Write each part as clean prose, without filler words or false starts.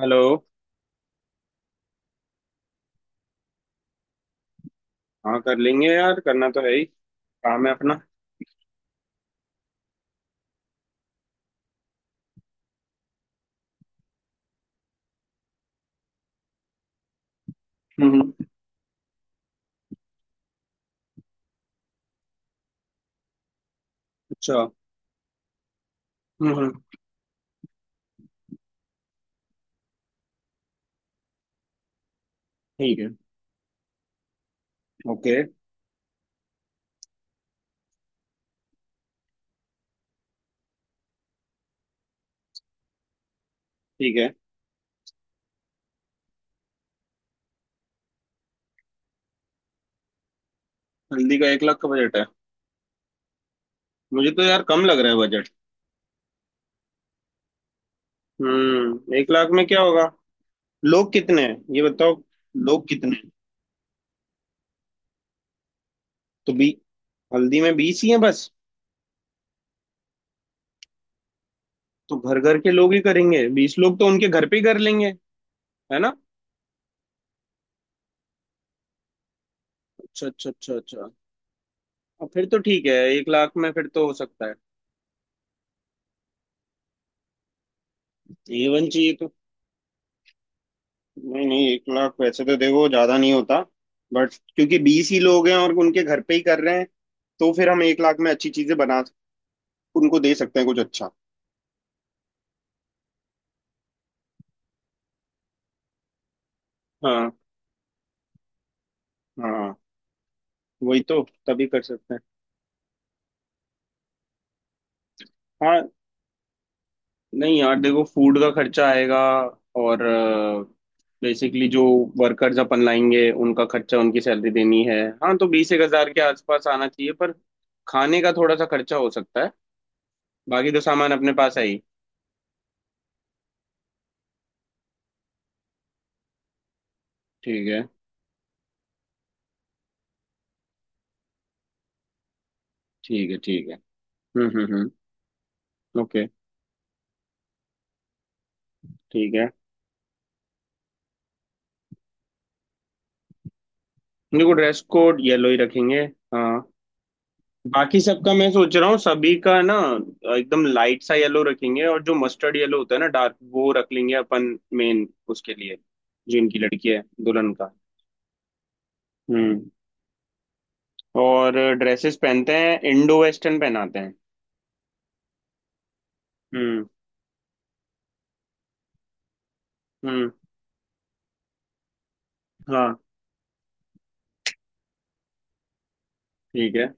Hello. हाँ, कर लेंगे यार, करना तो है ही। काम है अपना। हम्म। अच्छा। हम्म। ठीक है। ओके। ठीक है। हल्दी का 1 लाख का बजट है? मुझे तो यार कम लग रहा है बजट। हम्म, 1 लाख में क्या होगा? लोग कितने हैं ये बताओ? लोग कितने हैं? तो बी हल्दी में 20 ही हैं बस? तो घर घर के लोग ही करेंगे, 20 लोग तो उनके घर पे ही कर लेंगे, है ना? अच्छा अच्छा अच्छा अच्छा। अब फिर तो ठीक है, 1 लाख में फिर तो हो सकता है। ए वन चाहिए तो। नहीं नहीं, 1 लाख वैसे तो देखो ज्यादा नहीं होता। बट क्योंकि 20 ही लोग हैं और उनके घर पे ही कर रहे हैं, तो फिर हम 1 लाख में अच्छी चीजें बना उनको दे सकते हैं कुछ अच्छा। हाँ हाँ, वही तो तभी कर सकते हैं। हाँ। नहीं यार, देखो फूड का खर्चा आएगा। और बेसिकली जो वर्कर्स अपन लाएंगे उनका खर्चा, उनकी सैलरी देनी है। हाँ, तो 20-21 हजार के आसपास आना चाहिए पर। खाने का थोड़ा सा खर्चा हो सकता है। बाकी तो सामान अपने पास है ही। ठीक है, ठीक है, ठीक है। हम्म। ओके। ठीक है, देखो ड्रेस कोड येलो ही रखेंगे। हाँ, बाकी सबका मैं सोच रहा हूँ सभी का ना। एकदम लाइट सा येलो रखेंगे और जो मस्टर्ड येलो होता है ना डार्क, वो रख लेंगे अपन मेन उसके लिए। जो इनकी लड़की है, दुल्हन का। हम्म। और ड्रेसेस पहनते हैं, इंडो वेस्टर्न पहनाते हैं। हम्म हम्म। हाँ। ठीक है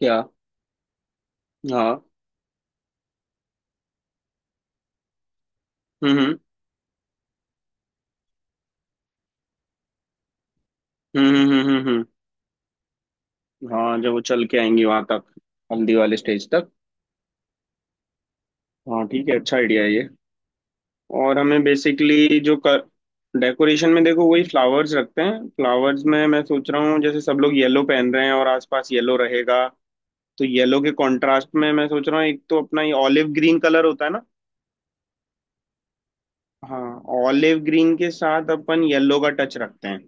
क्या? हाँ। हम्म हम्म हम्म, हाँ जब वो चल के आएंगी वहां तक, हल्दी वाले स्टेज तक। हाँ ठीक है, अच्छा आइडिया है ये। और हमें बेसिकली जो कर। डेकोरेशन में देखो वही फ्लावर्स रखते हैं। फ्लावर्स में मैं सोच रहा हूँ, जैसे सब लोग येलो पहन रहे हैं और आसपास येलो रहेगा, तो येलो के कॉन्ट्रास्ट में मैं सोच रहा हूँ एक तो अपना ये ऑलिव ग्रीन कलर होता है ना। हाँ, ऑलिव ग्रीन के साथ अपन येलो का टच रखते हैं।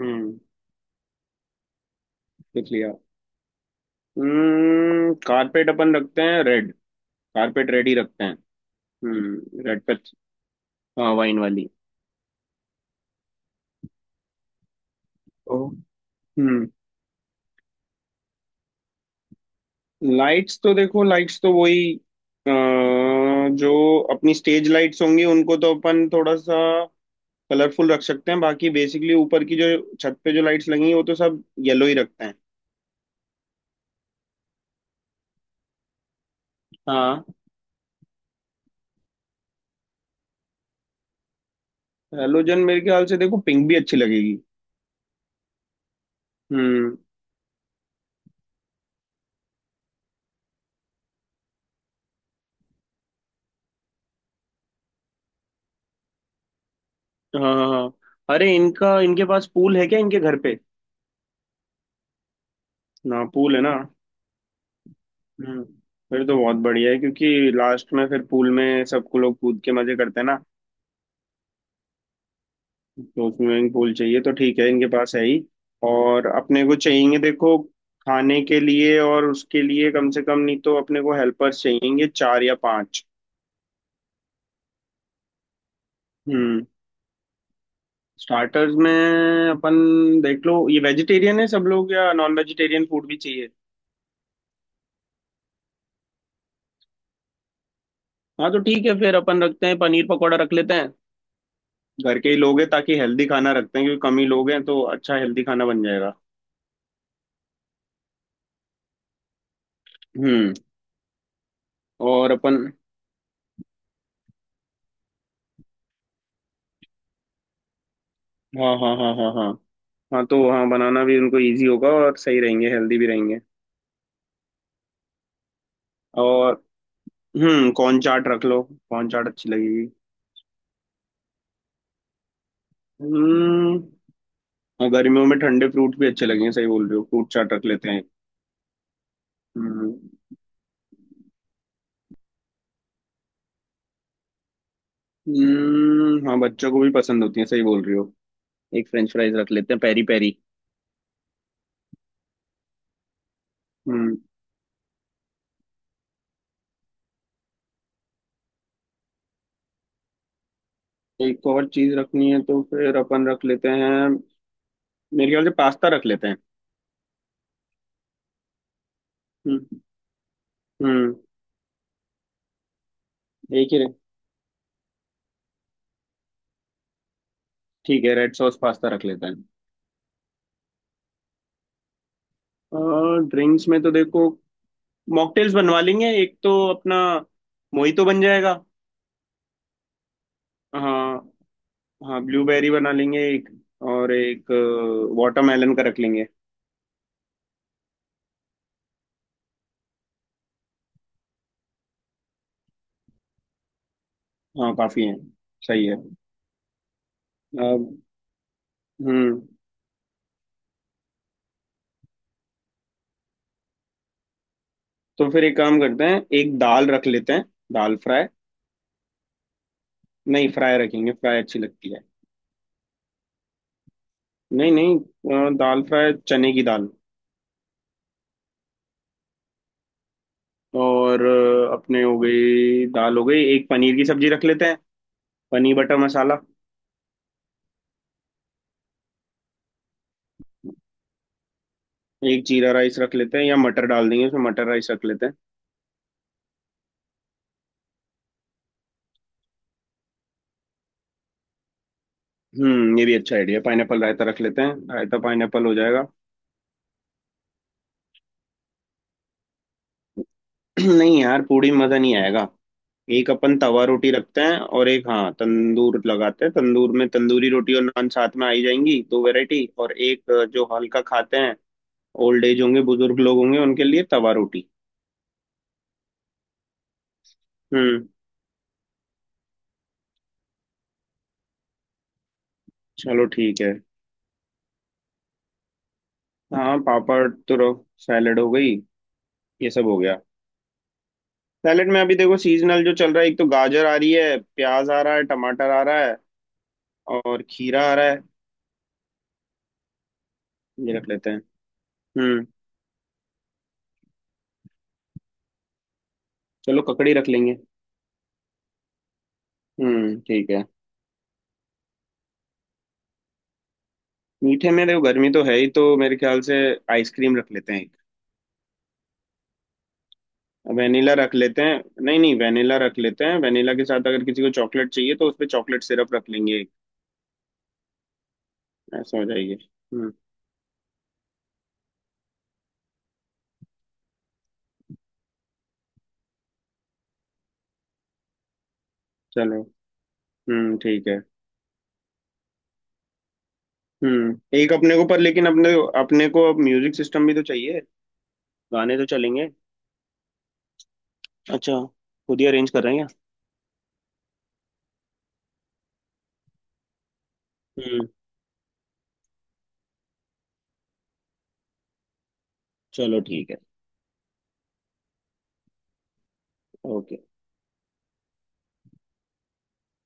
हम्म, लिख लिया। हम्म, कारपेट अपन रखते हैं रेड। कारपेट रेड ही रखते हैं। हम्म, रेड पे। हाँ वाइन वाली। ओ। हम्म। लाइट्स तो देखो, लाइट्स तो वही अ, जो अपनी स्टेज लाइट्स होंगी उनको तो अपन थोड़ा सा कलरफुल रख सकते हैं। बाकी बेसिकली ऊपर की जो छत पे जो लाइट्स लगी हैं, वो तो सब येलो ही रखते हैं। हाँ। हेलोजन मेरे ख्याल से देखो पिंक भी अच्छी लगेगी। हम्म। हाँ हाँ हाँ। अरे इनका, इनके पास पूल है क्या इनके घर पे? ना, पूल है ना। हम्म। फिर तो बहुत बढ़िया है, क्योंकि लास्ट में फिर पूल में सबको लोग कूद के मजे करते हैं ना। दो स्विमिंग पूल चाहिए तो ठीक है, इनके पास है ही। और अपने को चाहिए देखो, खाने के लिए और उसके लिए कम से कम, नहीं तो अपने को हेल्पर्स चाहिए चार या पांच। हम्म। स्टार्टर्स में अपन देख लो, ये वेजिटेरियन है सब लोग या नॉन वेजिटेरियन फूड भी चाहिए? हाँ तो ठीक है, फिर अपन रखते हैं पनीर पकौड़ा रख लेते हैं। घर के ही लोग हैं ताकि हेल्दी खाना रखते हैं, क्योंकि कम ही लोग हैं तो अच्छा हेल्दी खाना बन जाएगा। हम्म और अपन। हाँ हाँ हाँ हाँ हाँ। हाँ तो हाँ, बनाना भी उनको इजी होगा और सही रहेंगे हेल्दी भी रहेंगे। और हम्म, कॉर्न चाट रख लो। कॉर्न चाट अच्छी लगेगी। हम्म। हाँ, गर्मियों में ठंडे फ्रूट भी अच्छे लगेंगे, सही बोल रहे हो, फ्रूट चाट रख लेते हैं। हम्म। हाँ बच्चों को भी पसंद होती है, सही बोल रही हो। एक फ्रेंच फ्राइज रख लेते हैं पेरी पेरी। हम्म। एक और चीज रखनी है तो फिर अपन रख लेते हैं, मेरे ख्याल से पास्ता रख लेते हैं। हम्म। हम्म। एक ही रहे- ठीक है, रेड सॉस पास्ता रख लेते हैं। ड्रिंक्स में तो देखो मॉकटेल्स बनवा लेंगे, एक तो अपना मोहितो बन जाएगा। हाँ। हाँ ब्लूबेरी बना लेंगे एक। और एक वाटरमेलन का रख लेंगे। हाँ काफी है, सही है। अब हम्म। तो फिर एक काम करते हैं, एक दाल रख लेते हैं। दाल फ्राई। नहीं, फ्राई रखेंगे, फ्राई अच्छी लगती है। नहीं नहीं, दाल फ्राई चने की दाल। और अपने हो गई, दाल हो गई, एक पनीर की सब्जी रख लेते हैं। पनीर बटर मसाला। एक जीरा राइस रख लेते हैं या मटर डाल देंगे उसमें, मटर राइस रख लेते हैं। ये भी अच्छा आइडिया, पाइनएप्पल रायता रख लेते हैं, रायता पाइनएप्पल हो जाएगा। नहीं यार, पूड़ी में मजा नहीं आएगा। एक अपन तवा रोटी रखते हैं और एक हाँ तंदूर लगाते हैं, तंदूर में तंदूरी रोटी और नान साथ में आई जाएंगी, दो वैरायटी। और एक जो हल्का खाते हैं, ओल्ड एज होंगे, बुजुर्ग लोग होंगे उनके लिए तवा रोटी। हम्म चलो ठीक है। हाँ पापड़ तो। सैलेड हो गई, ये सब हो गया। सैलेड में अभी देखो सीजनल जो चल रहा है, एक तो गाजर आ रही है, प्याज आ रहा है, टमाटर आ रहा है और खीरा आ रहा है, ये रख लेते हैं। हम्म चलो ककड़ी रख लेंगे। ठीक है। मीठे में देखो गर्मी तो है ही, तो मेरे ख्याल से आइसक्रीम रख लेते हैं एक। वेनिला रख लेते हैं। नहीं नहीं वेनिला रख लेते हैं, वेनिला के साथ अगर किसी को चॉकलेट चाहिए तो उस पे चॉकलेट सिरप रख लेंगे एक। ऐसा हो जाएगी। हम्म चलो। ठीक है। एक अपने को पर लेकिन अपने। अपने को अब म्यूजिक सिस्टम भी तो चाहिए, गाने तो चलेंगे। अच्छा, खुद ही अरेंज कर रहे हैं। हम्म चलो ठीक है। ओके।